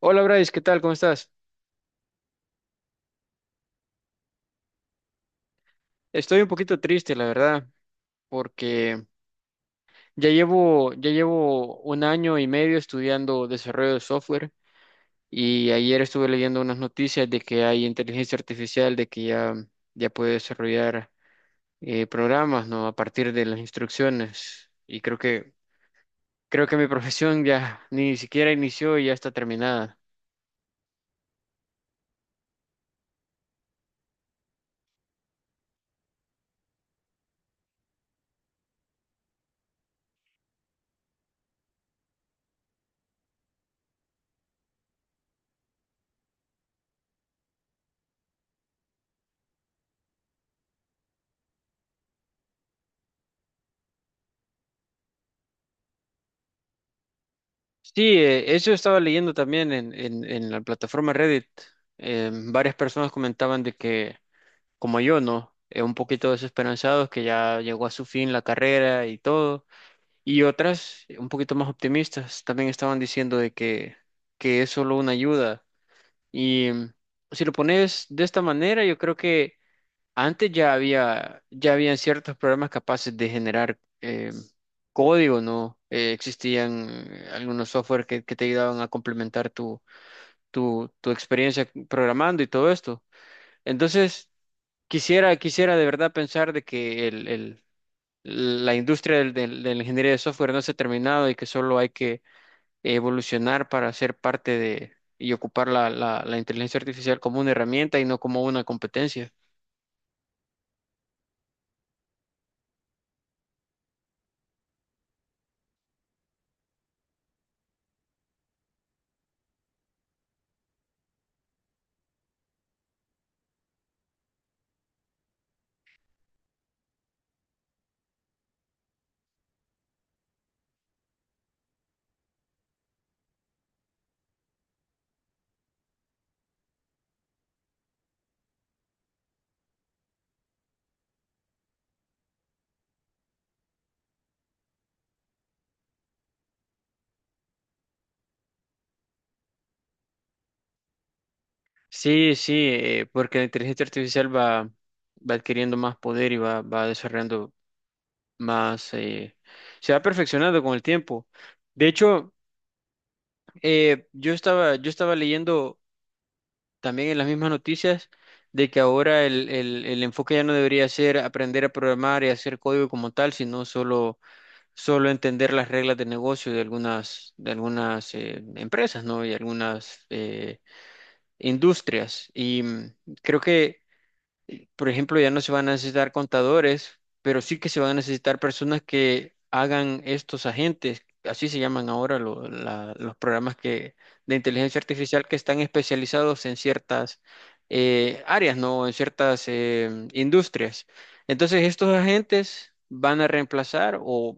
Hola Bryce, ¿qué tal? ¿Cómo estás? Estoy un poquito triste, la verdad, porque ya llevo un año y medio estudiando desarrollo de software y ayer estuve leyendo unas noticias de que hay inteligencia artificial, de que ya puede desarrollar programas, ¿no? A partir de las instrucciones. Y creo que mi profesión ya ni siquiera inició y ya está terminada. Sí, eso estaba leyendo también en la plataforma Reddit. Varias personas comentaban de que como yo, ¿no? Un poquito desesperanzados que ya llegó a su fin la carrera y todo. Y otras, un poquito más optimistas, también estaban diciendo que es solo una ayuda. Y si lo pones de esta manera, yo creo que antes ya habían ciertos programas capaces de generar código, ¿no? Existían algunos software que te ayudaban a complementar tu experiencia programando y todo esto. Entonces, quisiera de verdad pensar de que la industria de la ingeniería de software no se ha terminado y que solo hay que evolucionar para ser parte de y ocupar la inteligencia artificial como una herramienta y no como una competencia. Sí, sí, porque la inteligencia artificial va adquiriendo más poder y va desarrollando más, eh, se va perfeccionando con el tiempo. De hecho, yo estaba leyendo también en las mismas noticias de que ahora el enfoque ya no debería ser aprender a programar y hacer código como tal, solo entender las reglas de negocio de de algunas empresas, ¿no? Y algunas industrias. Y creo que por ejemplo, ya no se van a necesitar contadores, pero sí que se van a necesitar personas que hagan estos agentes, así se llaman ahora los programas de inteligencia artificial que están especializados en ciertas áreas, ¿no? En ciertas industrias. Entonces, estos agentes van a reemplazar o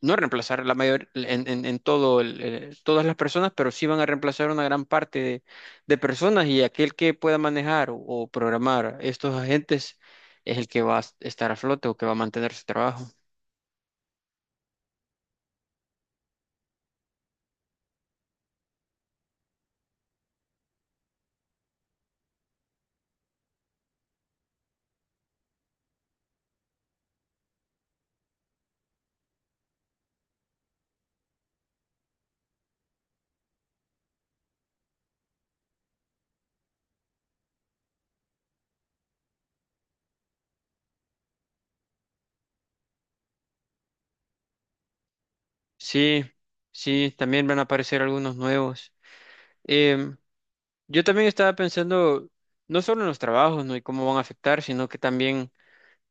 no reemplazar la mayor en todo todas las personas, pero sí van a reemplazar una gran parte de personas y aquel que pueda manejar o programar estos agentes es el que va a estar a flote o que va a mantener su trabajo. Sí, sí, también van a aparecer algunos nuevos. Em, yo también estaba pensando no solo en los trabajos, ¿no?, y cómo van a afectar, sino que también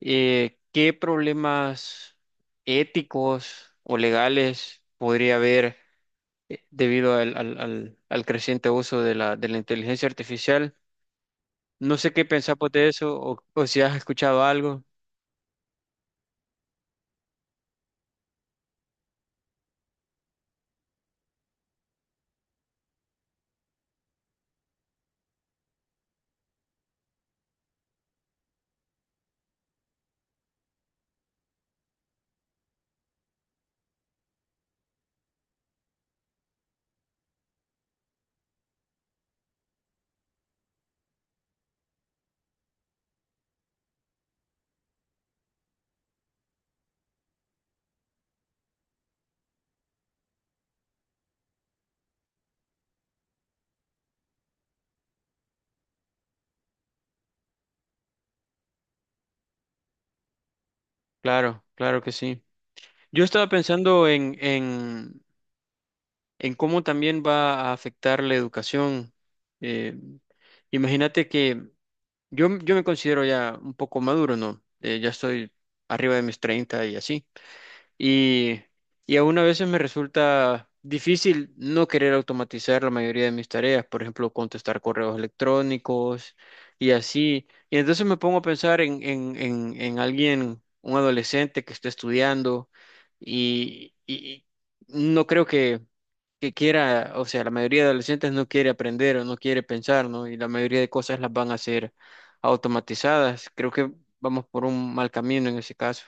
qué problemas éticos o legales podría haber debido al creciente uso de de la inteligencia artificial. No sé qué pensás vos de eso o si has escuchado algo. Claro, claro que sí. Yo estaba pensando en cómo también va a afectar la educación. Eh, Imagínate que yo me considero ya un poco maduro, ¿no? Ya estoy arriba de mis 30 y así. Y, y aún a veces me resulta difícil no querer automatizar la mayoría de mis tareas, por ejemplo, contestar correos electrónicos y así. Y entonces me pongo a pensar en alguien, un adolescente que está estudiando y no creo que quiera, o sea, la mayoría de adolescentes no quiere aprender o no quiere pensar, ¿no? Y la mayoría de cosas las van a hacer automatizadas. Creo que vamos por un mal camino en ese caso.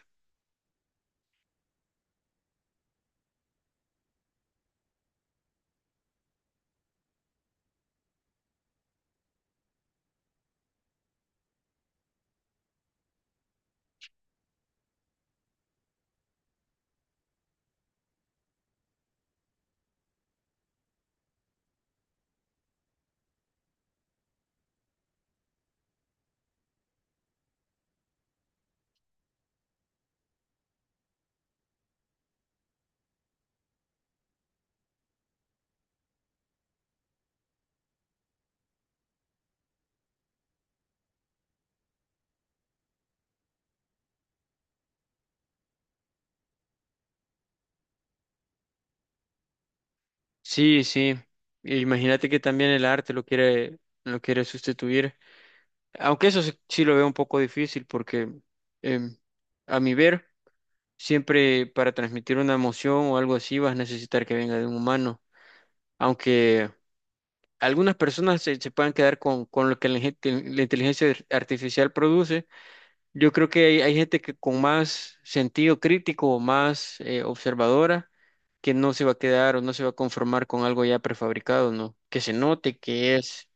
Sí, sí. Imagínate que también el arte lo quiere sustituir. Aunque eso sí, sí lo veo un poco difícil porque em, a mi ver, siempre para transmitir una emoción o algo así vas a necesitar que venga de un humano. Aunque algunas personas se puedan quedar con lo que la inteligencia artificial produce, yo creo que hay gente que con más sentido crítico o más observadora que no se va a quedar o no se va a conformar con algo ya prefabricado, ¿no? Que se note que es.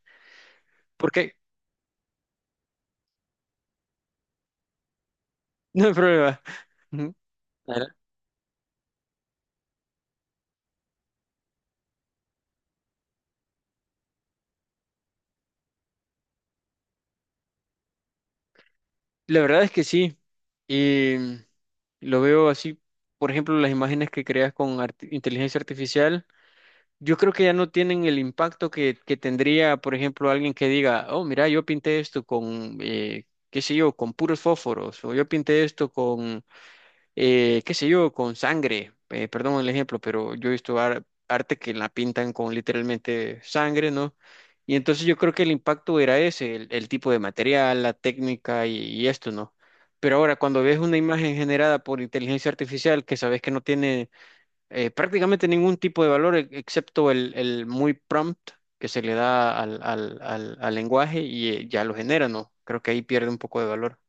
Porque no hay problema. Ujú. La verdad la verdad es que sí. Y lo veo así, por ejemplo, las imágenes que creas con inteligencia artificial. Yo creo que ya no tienen el impacto que tendría, por ejemplo, alguien que diga, oh, mira, yo pinté esto con, qué sé yo, con puros fósforos, o yo pinté esto con, qué sé yo, con sangre. Perdón el ejemplo, pero yo he visto arte que la pintan con literalmente sangre, ¿no? Y entonces yo creo que el impacto era ese, el tipo de material, la técnica y esto, ¿no? Pero ahora, cuando ves una imagen generada por inteligencia artificial que sabes que no tiene prácticamente ningún tipo de valor excepto el muy prompt que se le da al lenguaje y ya lo genera, ¿no? Creo que ahí pierde un poco de valor.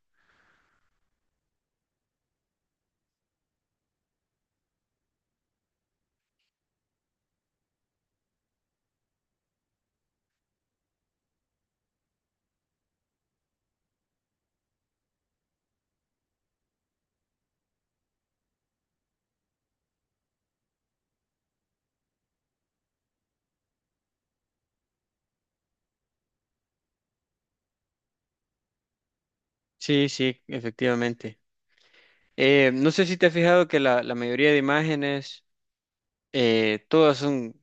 Sí, sí, efectivamente. No sé si te has fijado que la mayoría de imágenes, todas son,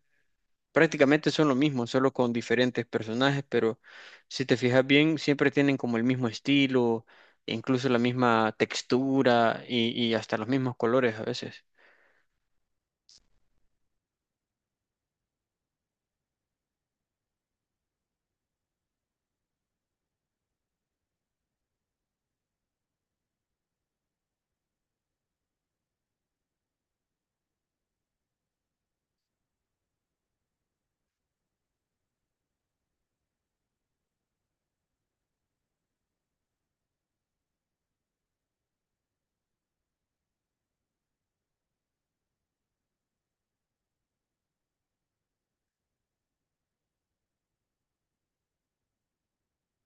prácticamente son lo mismo, solo con diferentes personajes, pero si te fijas bien, siempre tienen como el mismo estilo, incluso la misma textura y hasta los mismos colores a veces.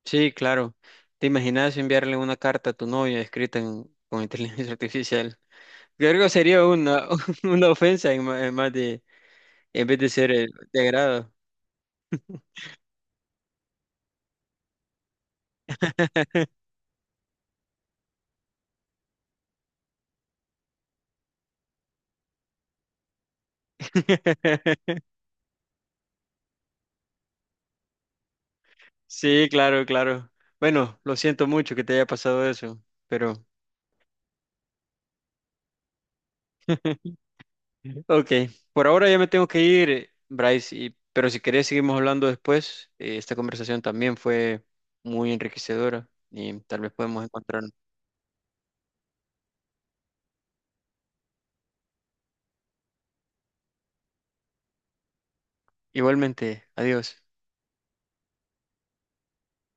Sí, claro. ¿Te imaginas enviarle una carta a tu novia escrita con inteligencia artificial? Creo que sería una, una ofensa en más de, en vez de ser de agrado. Sí, claro, claro. Bueno, lo siento mucho que te haya pasado eso, pero ok. Por ahora ya me tengo que ir, Bryce, y, pero si querés seguimos hablando después. Esta conversación también fue muy enriquecedora y tal vez podemos encontrar. Igualmente, adiós.